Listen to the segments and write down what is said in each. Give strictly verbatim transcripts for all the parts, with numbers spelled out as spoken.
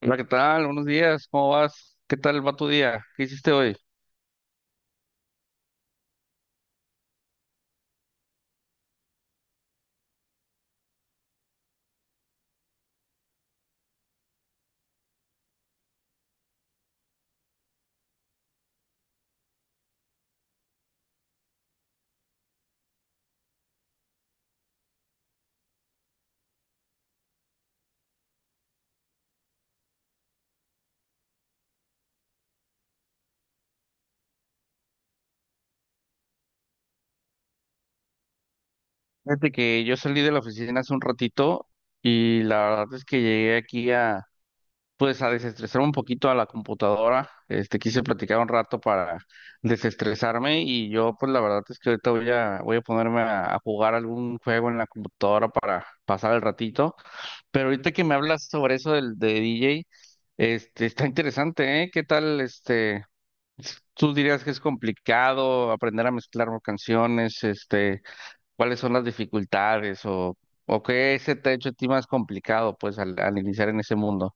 Hola, ¿qué tal? Buenos días, ¿cómo vas? ¿Qué tal va tu día? ¿Qué hiciste hoy? Fíjate que yo salí de la oficina hace un ratito y la verdad es que llegué aquí a, pues, a desestresar un poquito a la computadora. Este, quise platicar un rato para desestresarme y yo, pues, la verdad es que ahorita voy a, voy a ponerme a, a jugar algún juego en la computadora para pasar el ratito. Pero ahorita que me hablas sobre eso del de D J, este, está interesante, ¿eh? ¿Qué tal, este? ¿Tú dirías que es complicado aprender a mezclar canciones? Este, ¿cuáles son las dificultades o, o qué se te ha hecho a ti más complicado, pues, al, al iniciar en ese mundo?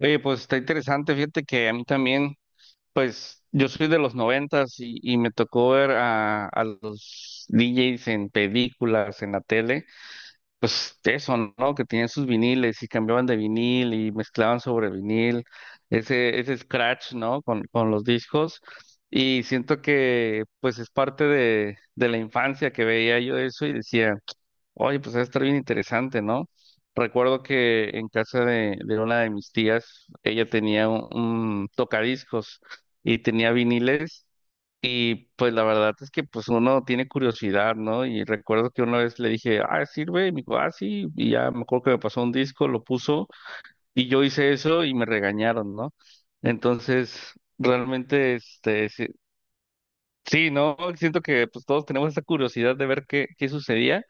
Oye, pues está interesante, fíjate que a mí también, pues, yo soy de los noventas y, y me tocó ver a, a los D Js en películas, en la tele. Pues eso, ¿no? Que tenían sus viniles y cambiaban de vinil y mezclaban sobre vinil, ese, ese scratch, ¿no? Con, con los discos. Y siento que pues es parte de, de la infancia que veía yo eso y decía, oye, pues va a estar bien interesante, ¿no? Recuerdo que en casa de, de una de mis tías, ella tenía un, un tocadiscos y tenía viniles. Y pues la verdad es que pues uno tiene curiosidad, ¿no? Y recuerdo que una vez le dije, ah, sirve, y me dijo, ah, sí, y ya me acuerdo que me pasó un disco, lo puso, y yo hice eso y me regañaron, ¿no? Entonces, realmente, este, sí, sí, ¿no? Siento que pues todos tenemos esa curiosidad de ver qué, qué sucedía,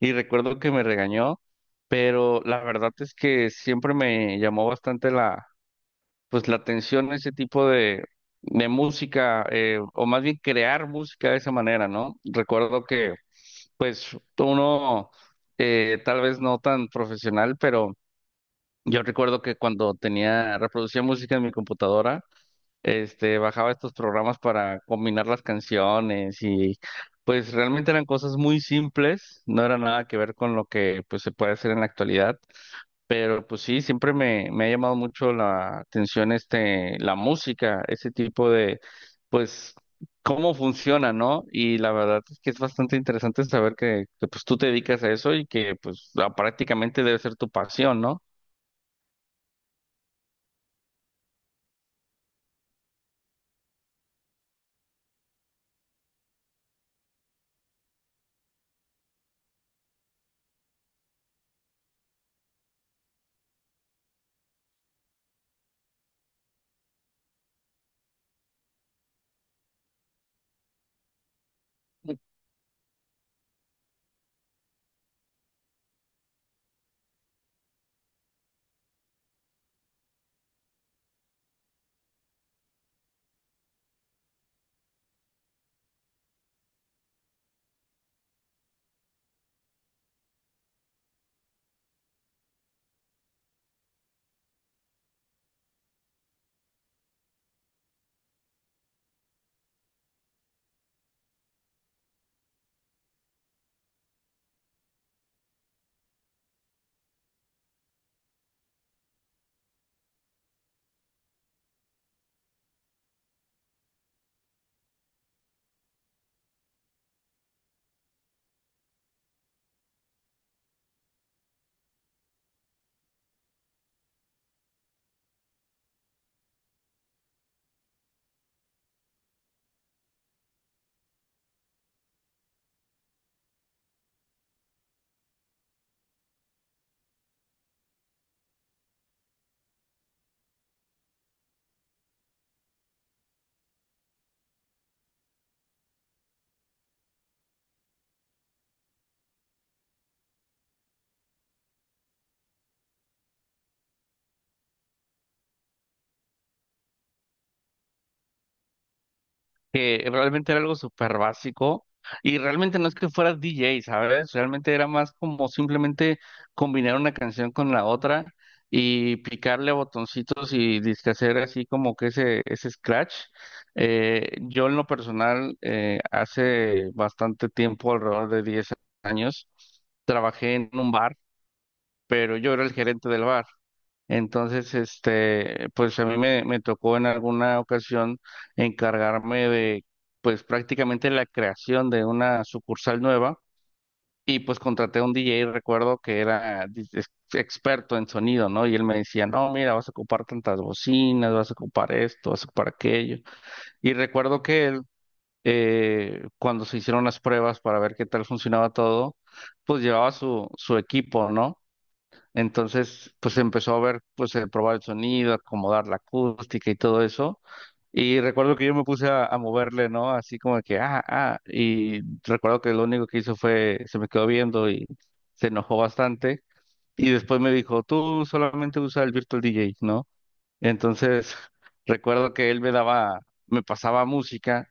y recuerdo que me regañó, pero la verdad es que siempre me llamó bastante la pues la atención a ese tipo de, de música, eh, o más bien crear música de esa manera, ¿no? Recuerdo que, pues, uno eh, tal vez no tan profesional, pero yo recuerdo que cuando tenía, reproducía música en mi computadora, este, bajaba estos programas para combinar las canciones y pues realmente eran cosas muy simples, no era nada que ver con lo que pues se puede hacer en la actualidad, pero pues sí, siempre me, me ha llamado mucho la atención este, la música, ese tipo de, pues, cómo funciona, ¿no? Y la verdad es que es bastante interesante saber que, que, pues tú te dedicas a eso y que pues la- prácticamente debe ser tu pasión, ¿no? Que realmente era algo súper básico y realmente no es que fuera D J, ¿sabes? Realmente era más como simplemente combinar una canción con la otra y picarle a botoncitos y disque hacer así como que ese, ese scratch. Eh, yo en lo personal, eh, hace bastante tiempo, alrededor de diez años, trabajé en un bar, pero yo era el gerente del bar. Entonces, este, pues a mí me, me tocó en alguna ocasión encargarme de, pues prácticamente la creación de una sucursal nueva y pues contraté a un D J, recuerdo que era dis- ex- experto en sonido, ¿no? Y él me decía, no, mira, vas a ocupar tantas bocinas, vas a ocupar esto, vas a ocupar aquello. Y recuerdo que él, eh, cuando se hicieron las pruebas para ver qué tal funcionaba todo, pues llevaba su, su equipo, ¿no? Entonces, pues empezó a ver, pues eh, probar el sonido, acomodar la acústica y todo eso. Y recuerdo que yo me puse a, a moverle, ¿no? Así como que, ah, ah. Y recuerdo que lo único que hizo fue, se me quedó viendo y se enojó bastante. Y después me dijo, tú solamente usa el Virtual D J, ¿no? Entonces, recuerdo que él me daba, me pasaba música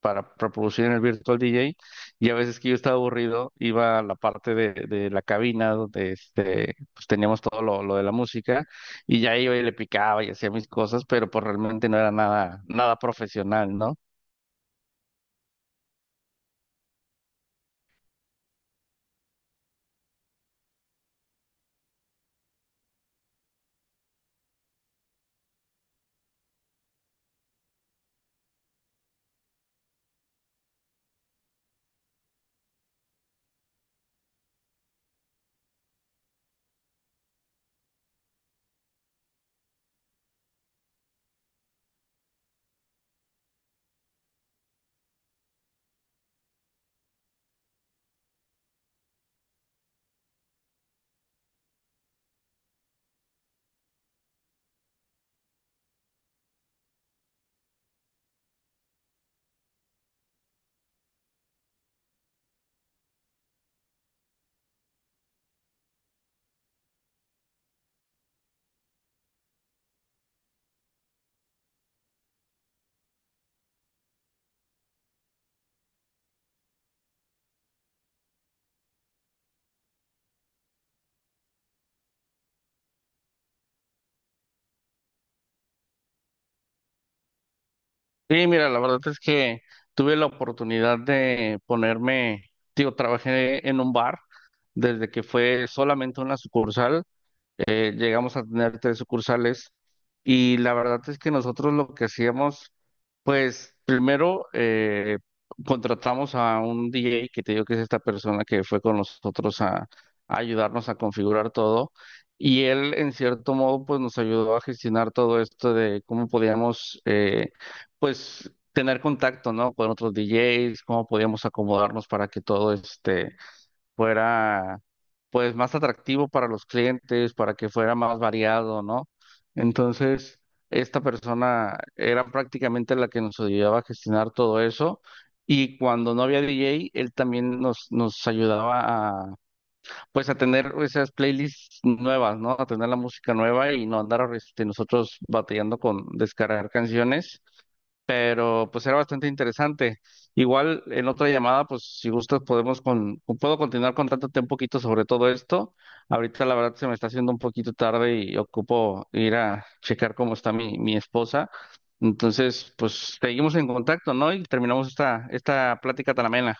para reproducir en el Virtual D J, y a veces que yo estaba aburrido iba a la parte de, de la cabina donde este, pues teníamos todo lo, lo de la música y ya iba y le picaba y hacía mis cosas, pero pues realmente no era nada, nada profesional, ¿no? Sí, mira, la verdad es que tuve la oportunidad de ponerme, digo, trabajé en un bar desde que fue solamente una sucursal, eh, llegamos a tener tres sucursales y la verdad es que nosotros lo que hacíamos, pues primero eh, contratamos a un D J que te digo que es esta persona que fue con nosotros a, a ayudarnos a configurar todo, y él en cierto modo pues nos ayudó a gestionar todo esto de cómo podíamos eh, pues tener contacto, ¿no? Con otros D Js, cómo podíamos acomodarnos para que todo este fuera pues más atractivo para los clientes, para que fuera más variado, ¿no? Entonces, esta persona era prácticamente la que nos ayudaba a gestionar todo eso, y cuando no había D J, él también nos, nos ayudaba a pues a tener esas playlists nuevas, ¿no? A tener la música nueva y no andar este, nosotros batallando con descargar canciones, pero pues era bastante interesante. Igual en otra llamada, pues si gustas podemos con, puedo continuar contándote un poquito sobre todo esto. Ahorita la verdad se me está haciendo un poquito tarde y ocupo ir a checar cómo está mi, mi esposa. Entonces, pues seguimos en contacto, ¿no? Y terminamos esta, esta plática tan amena.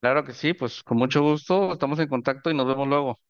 Claro que sí, pues con mucho gusto, estamos en contacto y nos vemos luego.